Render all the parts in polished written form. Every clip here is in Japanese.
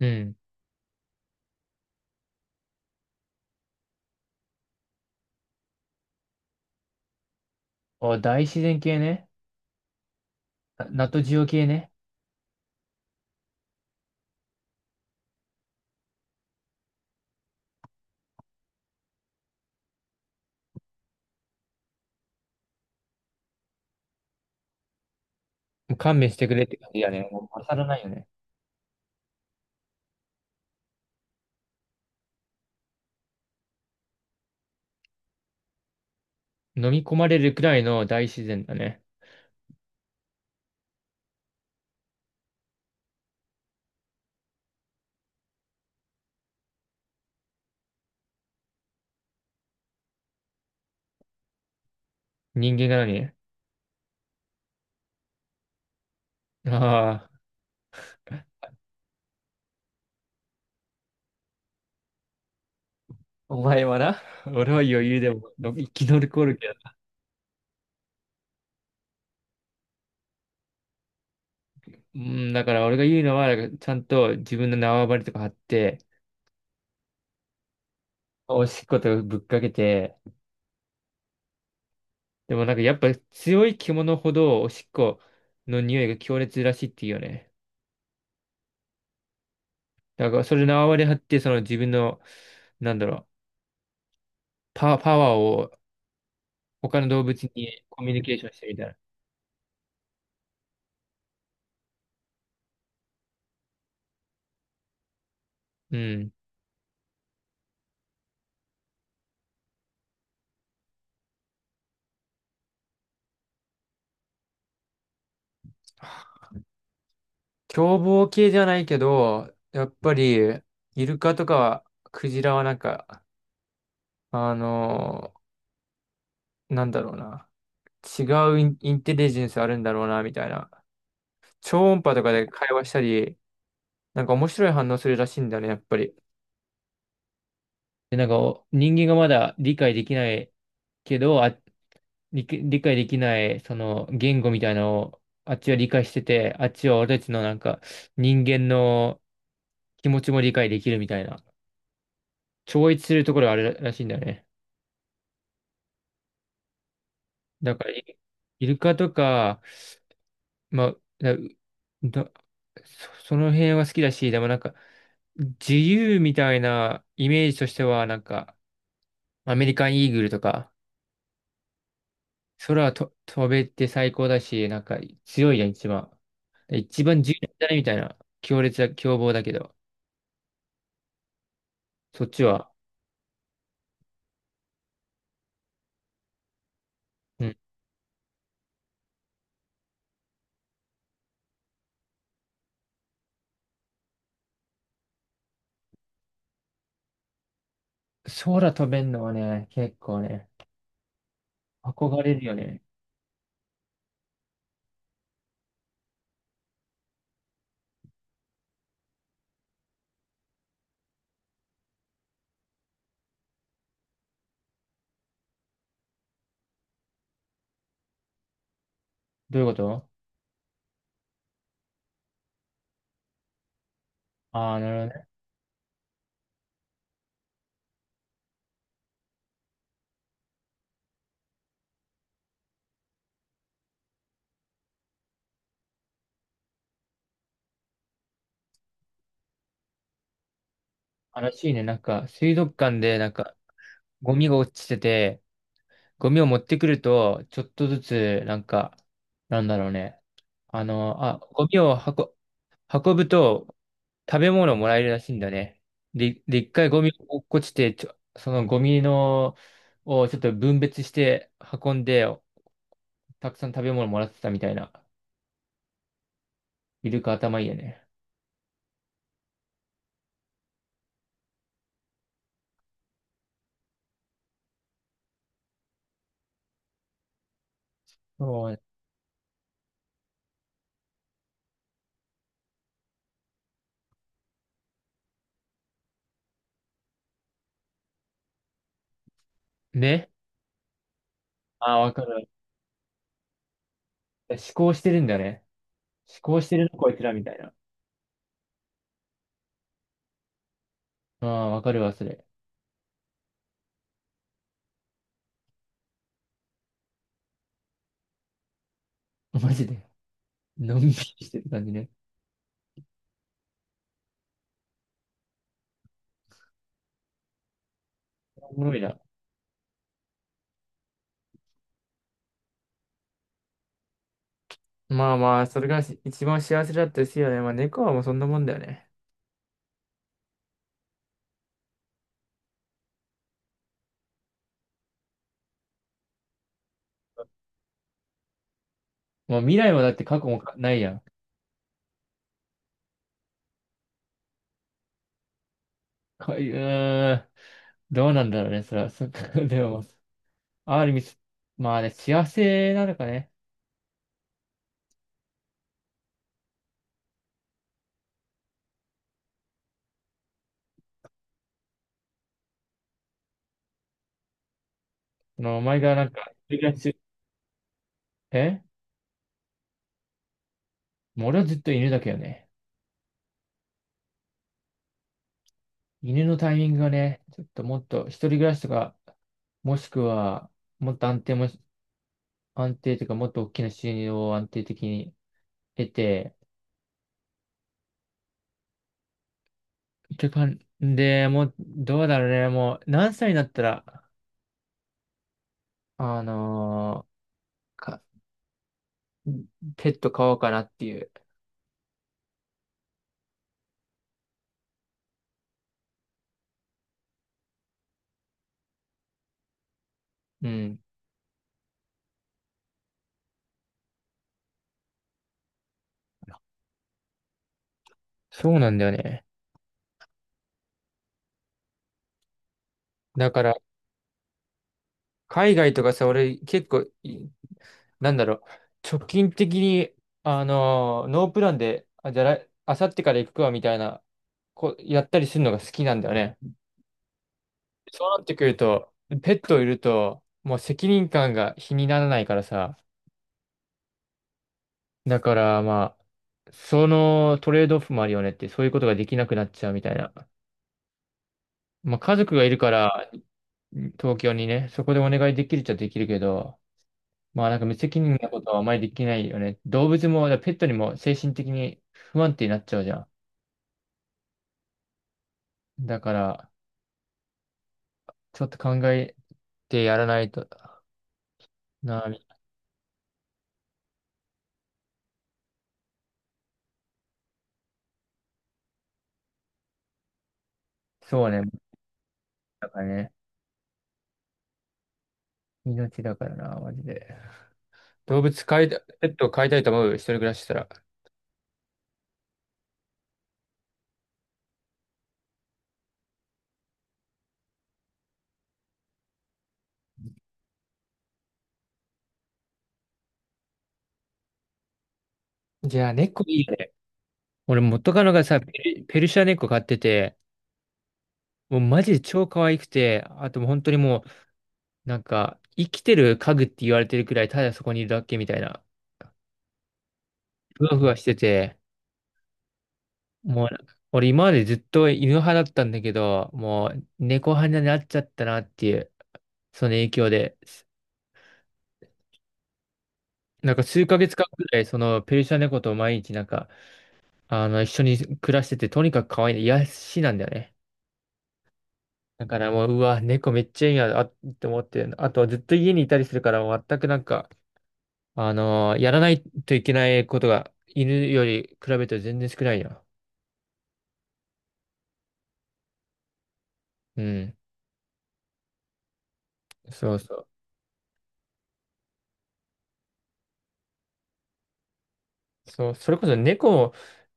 うん。お大自然系ね。なナトジオ系ね。もう勘弁してくれって感じだね。もう勝らないよね。飲み込まれるくらいの大自然だね。人間が何ああ、お前はな、俺は余裕でもの生き残るけど。うん、だから俺が言うのは、ちゃんと自分の縄張りとか張って、おしっことぶっかけて、でもやっぱ強い獣ほどおしっこの匂いが強烈らしいっていうよね。だからそれ縄張り張って、その自分の、なんだろう、パワーを他の動物にコミュニケーションしてみたら。うん。凶暴系じゃないけど、やっぱり、イルカとかはクジラはあのなんだろうな。違うイン、インテリジェンスあるんだろうな、みたいな。超音波とかで会話したり、なんか面白い反応するらしいんだよね、やっぱり。で、なんか人間がまだ理解できないけど、理解できないその言語みたいなのをあっちは理解してて、あっちは俺たちのなんか人間の気持ちも理解できるみたいな、超越するところがあるらしいんだよね。だから、イルカとか、まあ、だ、だそその辺は好きだし、でもなんか、自由みたいなイメージとしては、なんか、アメリカンイーグルとか、空と飛べて最高だし、なんか強いじゃん、一番。で一番重要だね、みたいな。強烈な凶暴だけど。そっちは。うん。空飛べんのはね、結構ね、憧れるよね。どういうこと？ああー、なるほどね。悲しいね。なんか、水族館で、なんか、ゴミが落ちてて、ゴミを持ってくると、ちょっとずつ、なんか、なんだろうね。ゴミを運、運ぶと、食べ物をもらえるらしいんだね。で、一回ゴミ落っこちて、そのゴミの、をちょっと分別して運んで、たくさん食べ物もらってたみたいな。イルカ頭いいよね。そうね。ああ、わかる。思考してるんだね。思考してるの、こいつらみたいな。ああ、わかるわ、それ。マジで。のんびりしてる感じね。おもろいな。まあまあ、それがし一番幸せだったですよね。まあ猫はもうそんなもんだよね。もう未来もだって過去もかないやん。かうーん。どうなんだろうね、それは。そっか、でも、ある意味、まあね、幸せなのかね。その、お前がなんか、一人暮らしえ？もう俺はずっと犬だけどね。犬のタイミングがね、ちょっともっと、一人暮らしとか、もしくは、もっと安定もし、安定というか、もっと大きな収入を安定的に得て、ってかんで、もう、どうだろうね。もう、何歳になったら、あのーか、ペット飼おうかなっていう。うん。そうなんだよね。だから、海外とかさ、俺、結構い、なんだろう、直近的に、あのーノープランで、あ、じゃああさってから行くわ、みたいな、こう、やったりするのが好きなんだよね。そうなってくると、ペットいると、もう責任感が比にならないからさ、だから、まあ、そのトレードオフもあるよねって、そういうことができなくなっちゃうみたいな。まあ家族がいるから、東京にね、そこでお願いできるっちゃできるけど、まあなんか無責任なことはあまりできないよね。動物も、だからペットにも精神的に不安定になっちゃうじゃん。だから、ちょっと考えてやらないとな。そうね。だからね。命だからな、マジで。動物飼いた、ペットを飼いたいと思う、一人暮らししたら。じゃあ、猫いいよね。俺元カノがさ、ペルシャ猫飼ってて、もうマジで超可愛くて、あともう本当にもう、なんか、生きてる家具って言われてるくらい、ただそこにいるだけみたいな、ふわふわしてて、もう、俺今までずっと犬派だったんだけど、もう猫派になっちゃったなっていう、その影響で、なんか数ヶ月間くらい、そのペルシャ猫と毎日なんか、あの、一緒に暮らしてて、とにかく可愛い、癒やしなんだよね。だからもう、うわ、猫めっちゃいいな、あ、って思って、あとずっと家にいたりするから、全くなんか、あのーやらないといけないことが犬より比べて全然少ないよ。うん。そうそう。そう、それこそ猫も、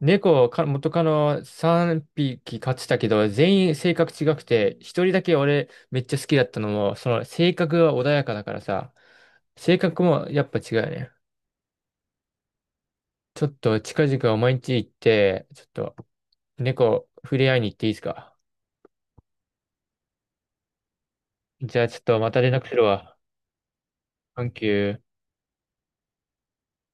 猫をか元カノ3匹飼ってたけど、全員性格違くて、一人だけ俺めっちゃ好きだったのも、その性格は穏やかだからさ、性格もやっぱ違うよね。ちょっと近々毎日行って、ちょっと猫触れ合いに行っていいですか？じゃあちょっとまた連絡するわ。サンキュー。